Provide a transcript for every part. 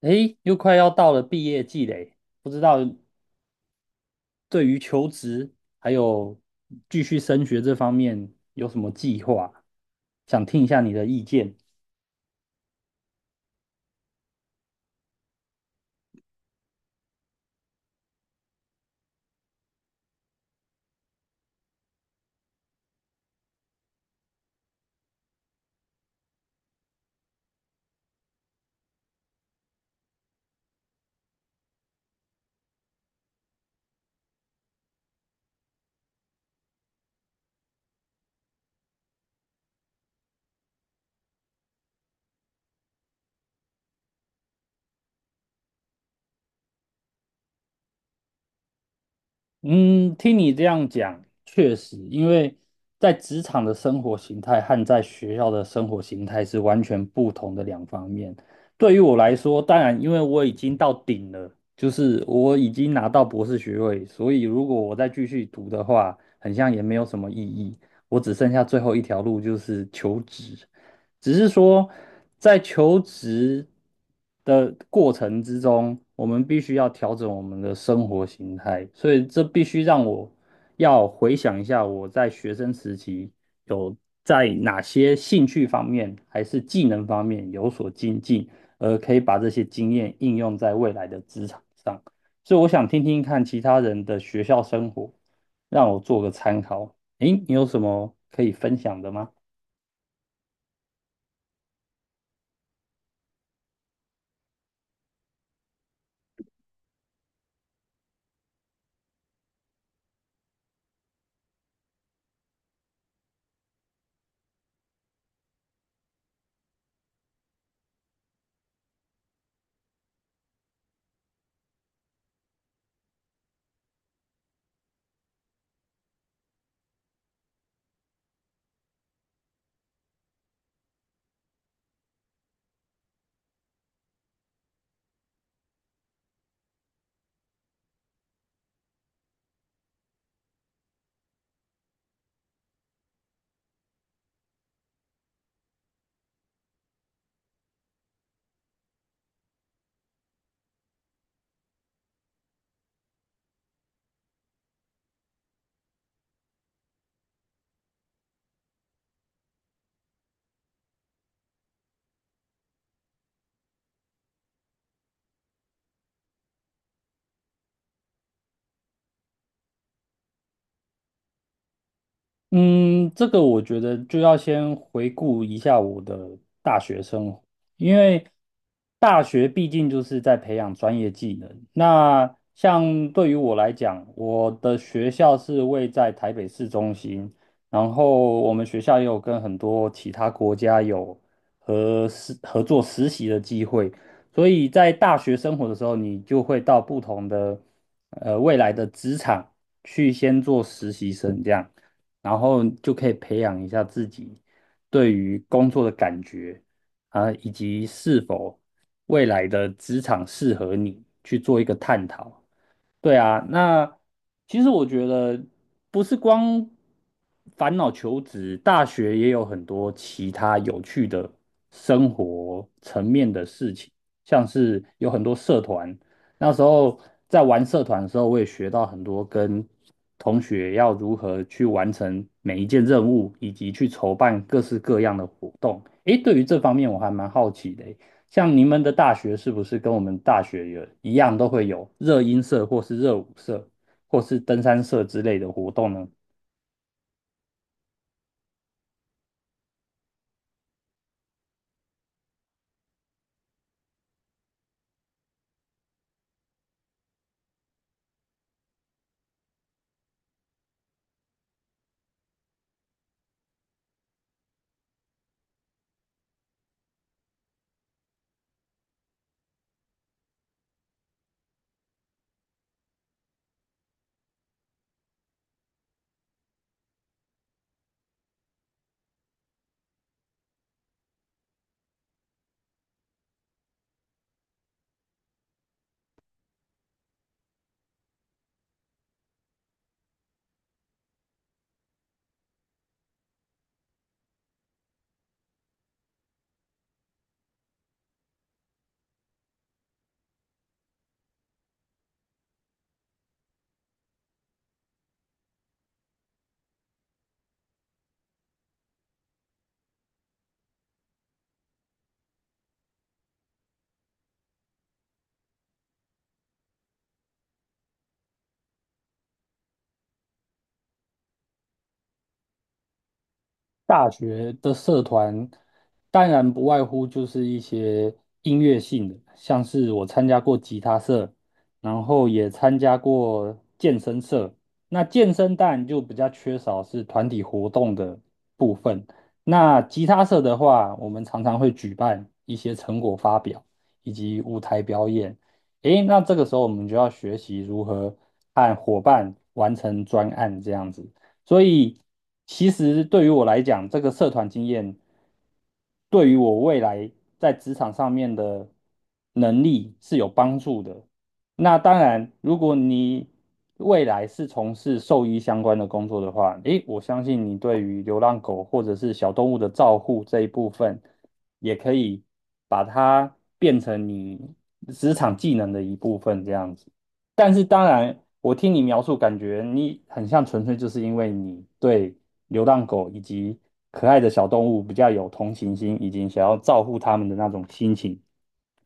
诶，又快要到了毕业季嘞，不知道对于求职还有继续升学这方面有什么计划？想听一下你的意见。嗯，听你这样讲，确实，因为在职场的生活形态和在学校的生活形态是完全不同的两方面。对于我来说，当然，因为我已经到顶了，就是我已经拿到博士学位，所以如果我再继续读的话，很像也没有什么意义。我只剩下最后一条路，就是求职。只是说在求职的过程之中，我们必须要调整我们的生活形态，所以这必须让我要回想一下我在学生时期有在哪些兴趣方面还是技能方面有所精进，而可以把这些经验应用在未来的职场上。所以我想听听看其他人的学校生活，让我做个参考。诶，你有什么可以分享的吗？嗯，这个我觉得就要先回顾一下我的大学生活，因为大学毕竟就是在培养专业技能。那像对于我来讲，我的学校是位在台北市中心，然后我们学校也有跟很多其他国家有和实合作实习的机会，所以在大学生活的时候，你就会到不同的未来的职场去先做实习生这样。然后就可以培养一下自己对于工作的感觉啊，以及是否未来的职场适合你去做一个探讨。对啊，那其实我觉得不是光烦恼求职，大学也有很多其他有趣的生活层面的事情，像是有很多社团。那时候在玩社团的时候，我也学到很多跟同学要如何去完成每一件任务，以及去筹办各式各样的活动。诶，对于这方面我还蛮好奇的。像你们的大学是不是跟我们大学也一样，都会有热音社或是热舞社或是登山社之类的活动呢？大学的社团，当然不外乎就是一些音乐性的，像是我参加过吉他社，然后也参加过健身社。那健身当然就比较缺少是团体活动的部分。那吉他社的话，我们常常会举办一些成果发表以及舞台表演。诶，那这个时候我们就要学习如何按伙伴完成专案这样子。所以其实对于我来讲，这个社团经验对于我未来在职场上面的能力是有帮助的。那当然，如果你未来是从事兽医相关的工作的话，诶，我相信你对于流浪狗或者是小动物的照护这一部分，也可以把它变成你职场技能的一部分，这样子。但是当然，我听你描述，感觉你很像纯粹就是因为你对流浪狗以及可爱的小动物比较有同情心，以及想要照顾它们的那种心情，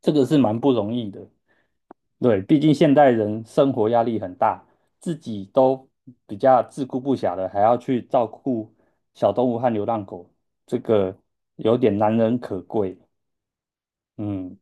这个是蛮不容易的。对，毕竟现代人生活压力很大，自己都比较自顾不暇的，还要去照顾小动物和流浪狗，这个有点难能可贵。嗯。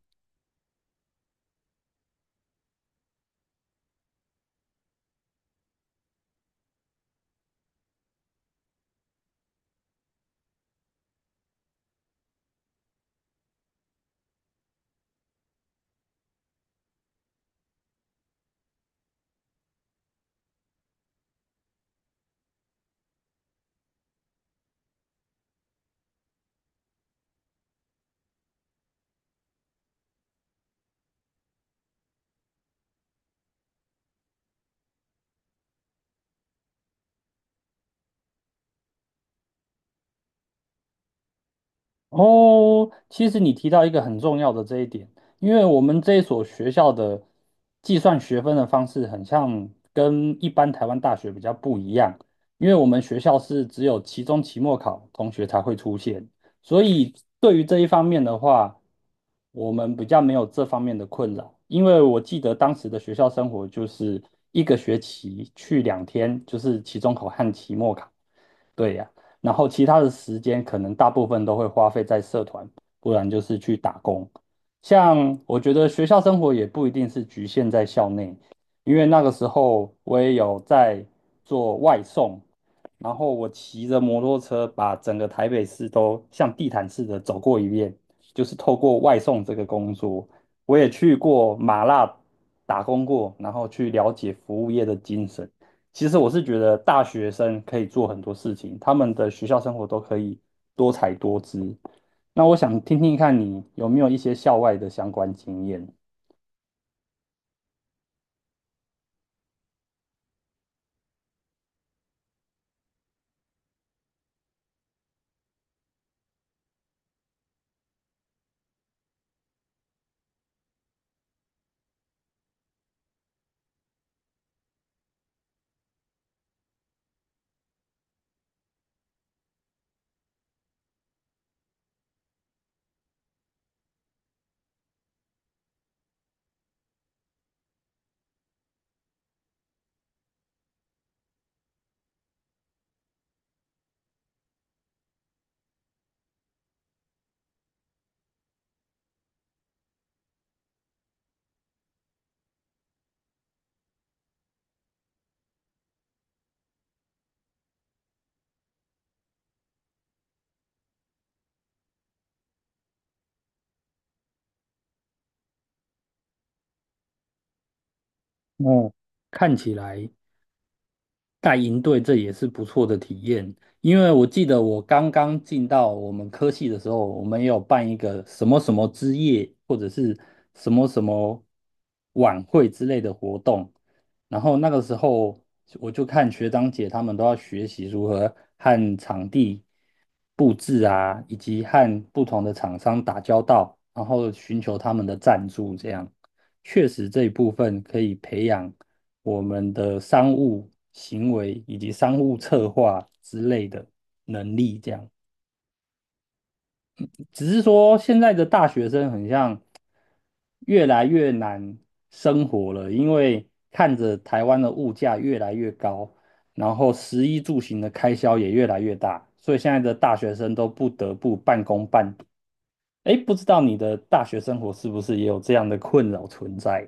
哦，其实你提到一个很重要的这一点，因为我们这一所学校的计算学分的方式很像跟一般台湾大学比较不一样，因为我们学校是只有期中、期末考同学才会出现，所以对于这一方面的话，我们比较没有这方面的困扰。因为我记得当时的学校生活就是一个学期去两天，就是期中考和期末考。对呀，然后其他的时间可能大部分都会花费在社团，不然就是去打工。像我觉得学校生活也不一定是局限在校内，因为那个时候我也有在做外送，然后我骑着摩托车把整个台北市都像地毯似的走过一遍，就是透过外送这个工作，我也去过麻辣打工过，然后去了解服务业的精神。其实我是觉得大学生可以做很多事情，他们的学校生活都可以多彩多姿。那我想听听看你有没有一些校外的相关经验。哦，看起来带营队这也是不错的体验，因为我记得我刚刚进到我们科系的时候，我们也有办一个什么什么之夜，或者是什么什么晚会之类的活动，然后那个时候我就看学长姐他们都要学习如何和场地。布置啊，以及和不同的厂商打交道，然后寻求他们的赞助，这样确实这一部分可以培养我们的商务行为以及商务策划之类的能力，这样。只是说现在的大学生很像越来越难生活了，因为看着台湾的物价越来越高，然后食衣住行的开销也越来越大，所以现在的大学生都不得不半工半读。哎，不知道你的大学生活是不是也有这样的困扰存在？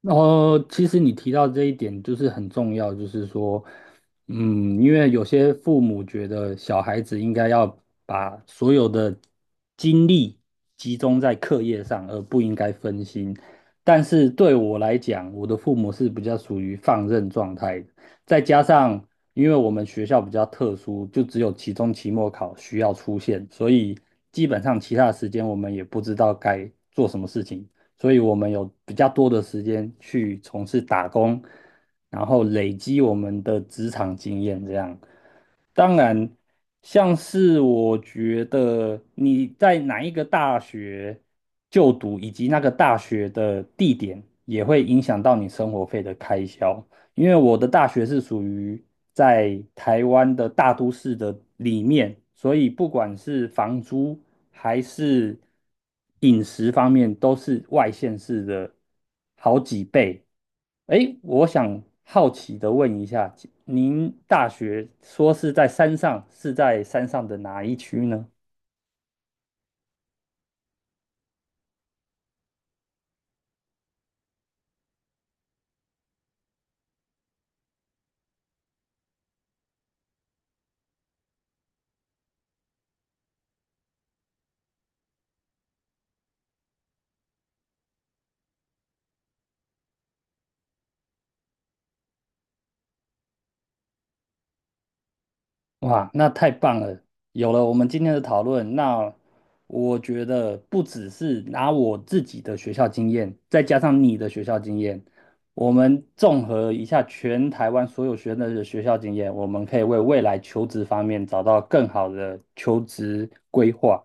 然后，其实你提到这一点就是很重要，就是说，嗯，因为有些父母觉得小孩子应该要把所有的精力集中在课业上，而不应该分心。但是对我来讲，我的父母是比较属于放任状态的，再加上因为我们学校比较特殊，就只有期中、期末考需要出现，所以基本上其他的时间我们也不知道该做什么事情。所以我们有比较多的时间去从事打工，然后累积我们的职场经验。这样，当然，像是我觉得你在哪一个大学就读，以及那个大学的地点，也会影响到你生活费的开销。因为我的大学是属于在台湾的大都市的里面，所以不管是房租还是饮食方面，都是外县市的好几倍。诶，我想好奇的问一下，您大学说是在山上，是在山上的哪一区呢？哇，那太棒了！有了我们今天的讨论，那我觉得不只是拿我自己的学校经验，再加上你的学校经验，我们综合一下全台湾所有学生的学校经验，我们可以为未来求职方面找到更好的求职规划。